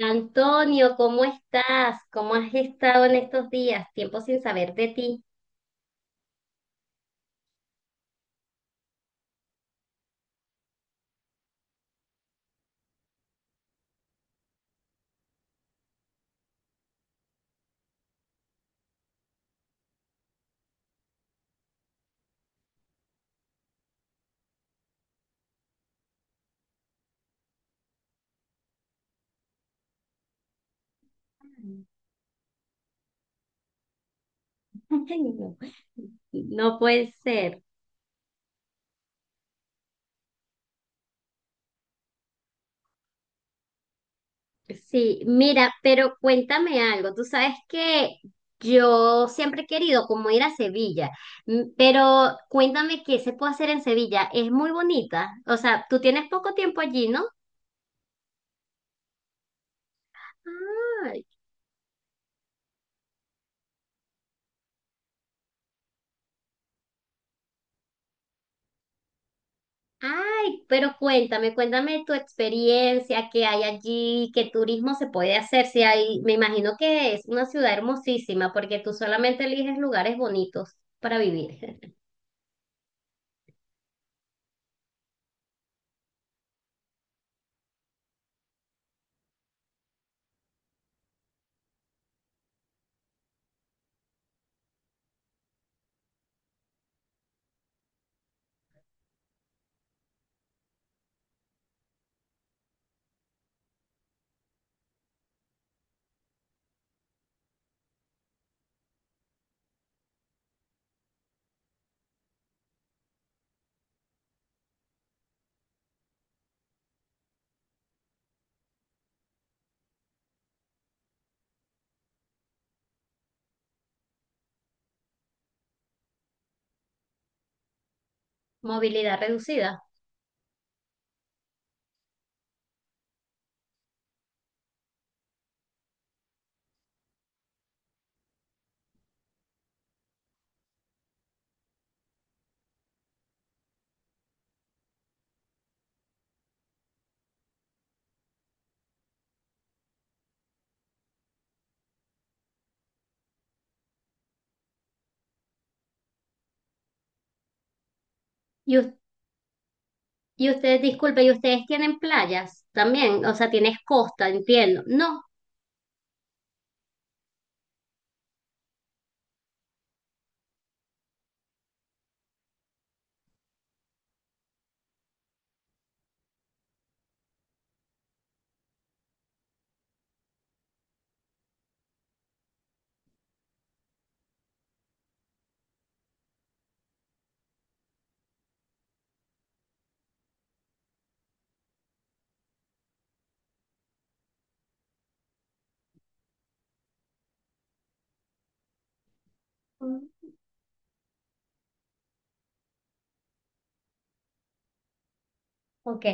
Antonio, ¿cómo estás? ¿Cómo has estado en estos días? Tiempo sin saber de ti. Ay, no, no puede ser. Sí, mira, pero cuéntame algo. Tú sabes que yo siempre he querido como ir a Sevilla, pero cuéntame qué se puede hacer en Sevilla. Es muy bonita. O sea, tú tienes poco tiempo allí, ¿no? Ay, pero cuéntame, cuéntame tu experiencia, qué hay allí, qué turismo se puede hacer, si hay, me imagino que es una ciudad hermosísima porque tú solamente eliges lugares bonitos para vivir. Movilidad reducida. Y, us- y ustedes, disculpe, ¿y ustedes tienen playas también? O sea, tienes costa, entiendo. No. Mm, ok.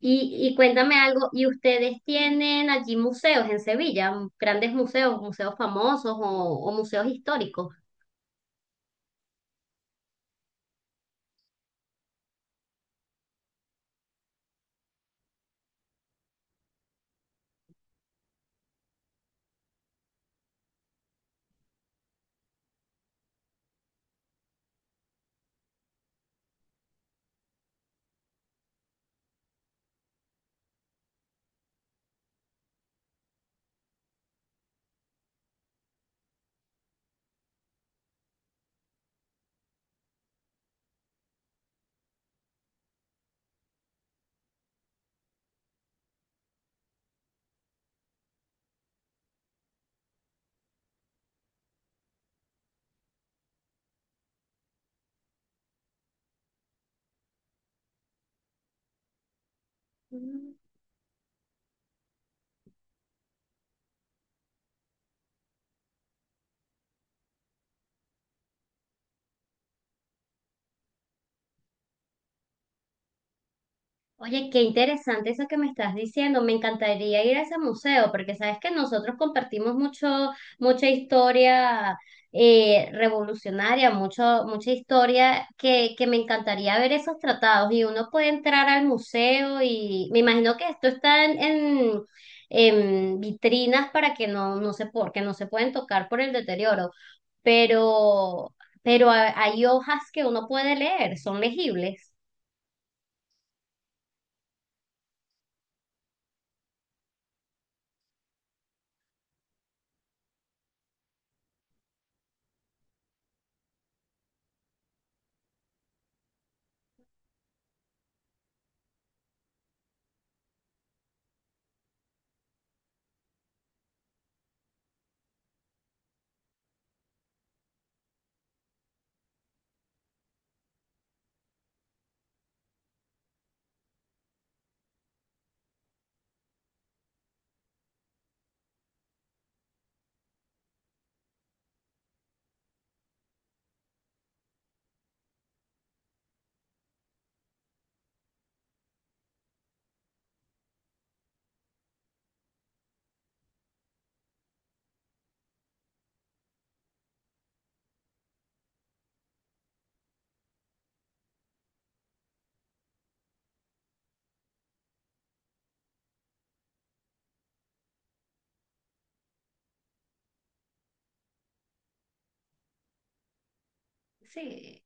Y cuéntame algo, ¿y ustedes tienen allí museos en Sevilla, grandes museos, museos famosos o museos históricos? Oye, qué interesante eso que me estás diciendo. Me encantaría ir a ese museo porque sabes que nosotros compartimos mucho, mucha historia revolucionaria, mucho, mucha historia que me encantaría ver esos tratados y uno puede entrar al museo y me imagino que esto está en vitrinas para que porque no se pueden tocar por el deterioro, pero, pero hay hojas que uno puede leer, son legibles. Sí.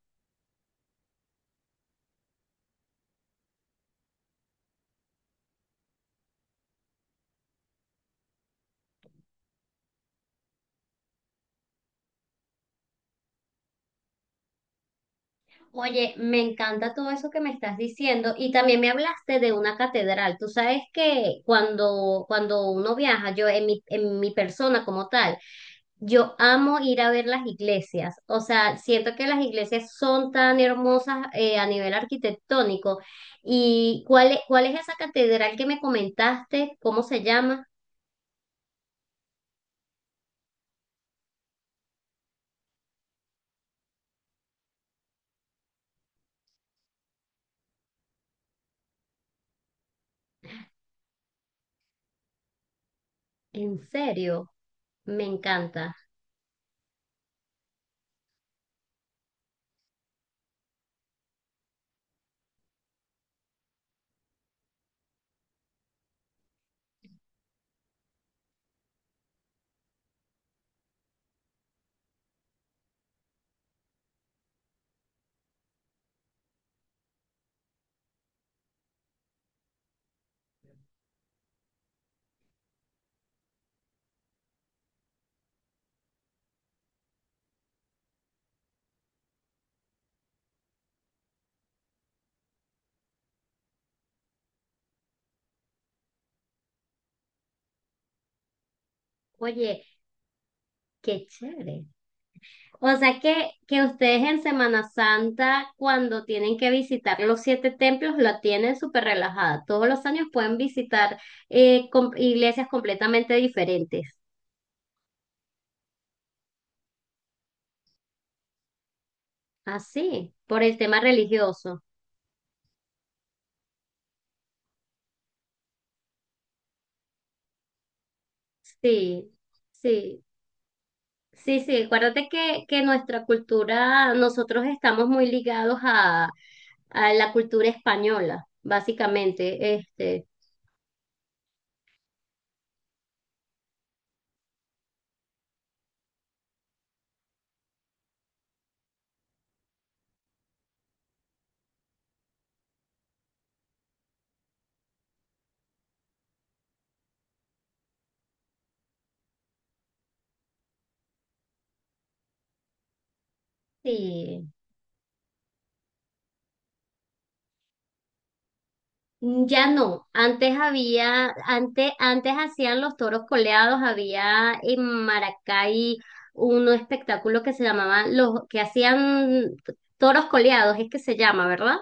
Oye, me encanta todo eso que me estás diciendo y también me hablaste de una catedral. Tú sabes que cuando uno viaja, yo en en mi persona como tal, yo amo ir a ver las iglesias. O sea, siento que las iglesias son tan hermosas, a nivel arquitectónico. ¿Y cuál es esa catedral que me comentaste? ¿Cómo se llama? En serio, me encanta. Oye, qué chévere. O sea que ustedes en Semana Santa, cuando tienen que visitar los siete templos, la tienen súper relajada. Todos los años pueden visitar, iglesias completamente diferentes. Así, por el tema religioso. Sí, sí, sí, sí. Acuérdate que nuestra cultura, nosotros estamos muy ligados a la cultura española, básicamente. Este, sí. Mm, ya no, antes había, antes, antes hacían los toros coleados, había en Maracay un espectáculo que se llamaba los, que hacían toros coleados, es que se llama, ¿verdad?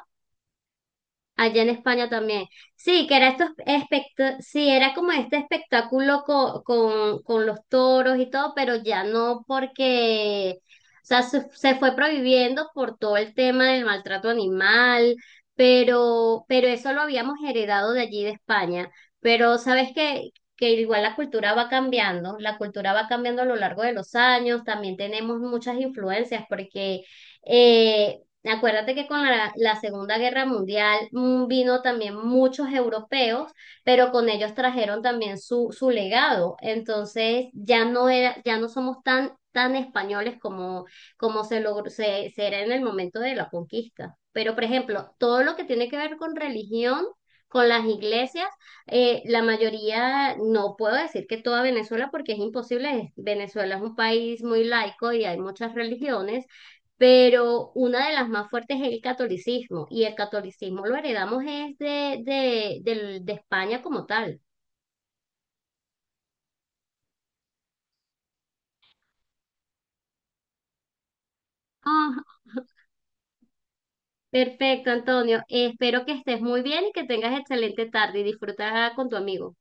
Allá en España también. Sí, que era estos sí, era como este espectáculo con los toros y todo, pero ya no porque, o sea, se fue prohibiendo por todo el tema del maltrato animal, pero eso lo habíamos heredado de allí de España. Pero sabes que igual la cultura va cambiando, la cultura va cambiando a lo largo de los años, también tenemos muchas influencias porque… eh, acuérdate que con la Segunda Guerra Mundial, vino también muchos europeos, pero con ellos trajeron también su legado. Entonces ya no era, ya no somos tan, tan españoles como, como se logró, se era en el momento de la conquista. Pero, por ejemplo, todo lo que tiene que ver con religión, con las iglesias, la mayoría, no puedo decir que toda Venezuela, porque es imposible. Venezuela es un país muy laico y hay muchas religiones, pero una de las más fuertes es el catolicismo, y el catolicismo lo heredamos es de España como tal. Ah, perfecto, Antonio. Espero que estés muy bien y que tengas excelente tarde y disfruta con tu amigo.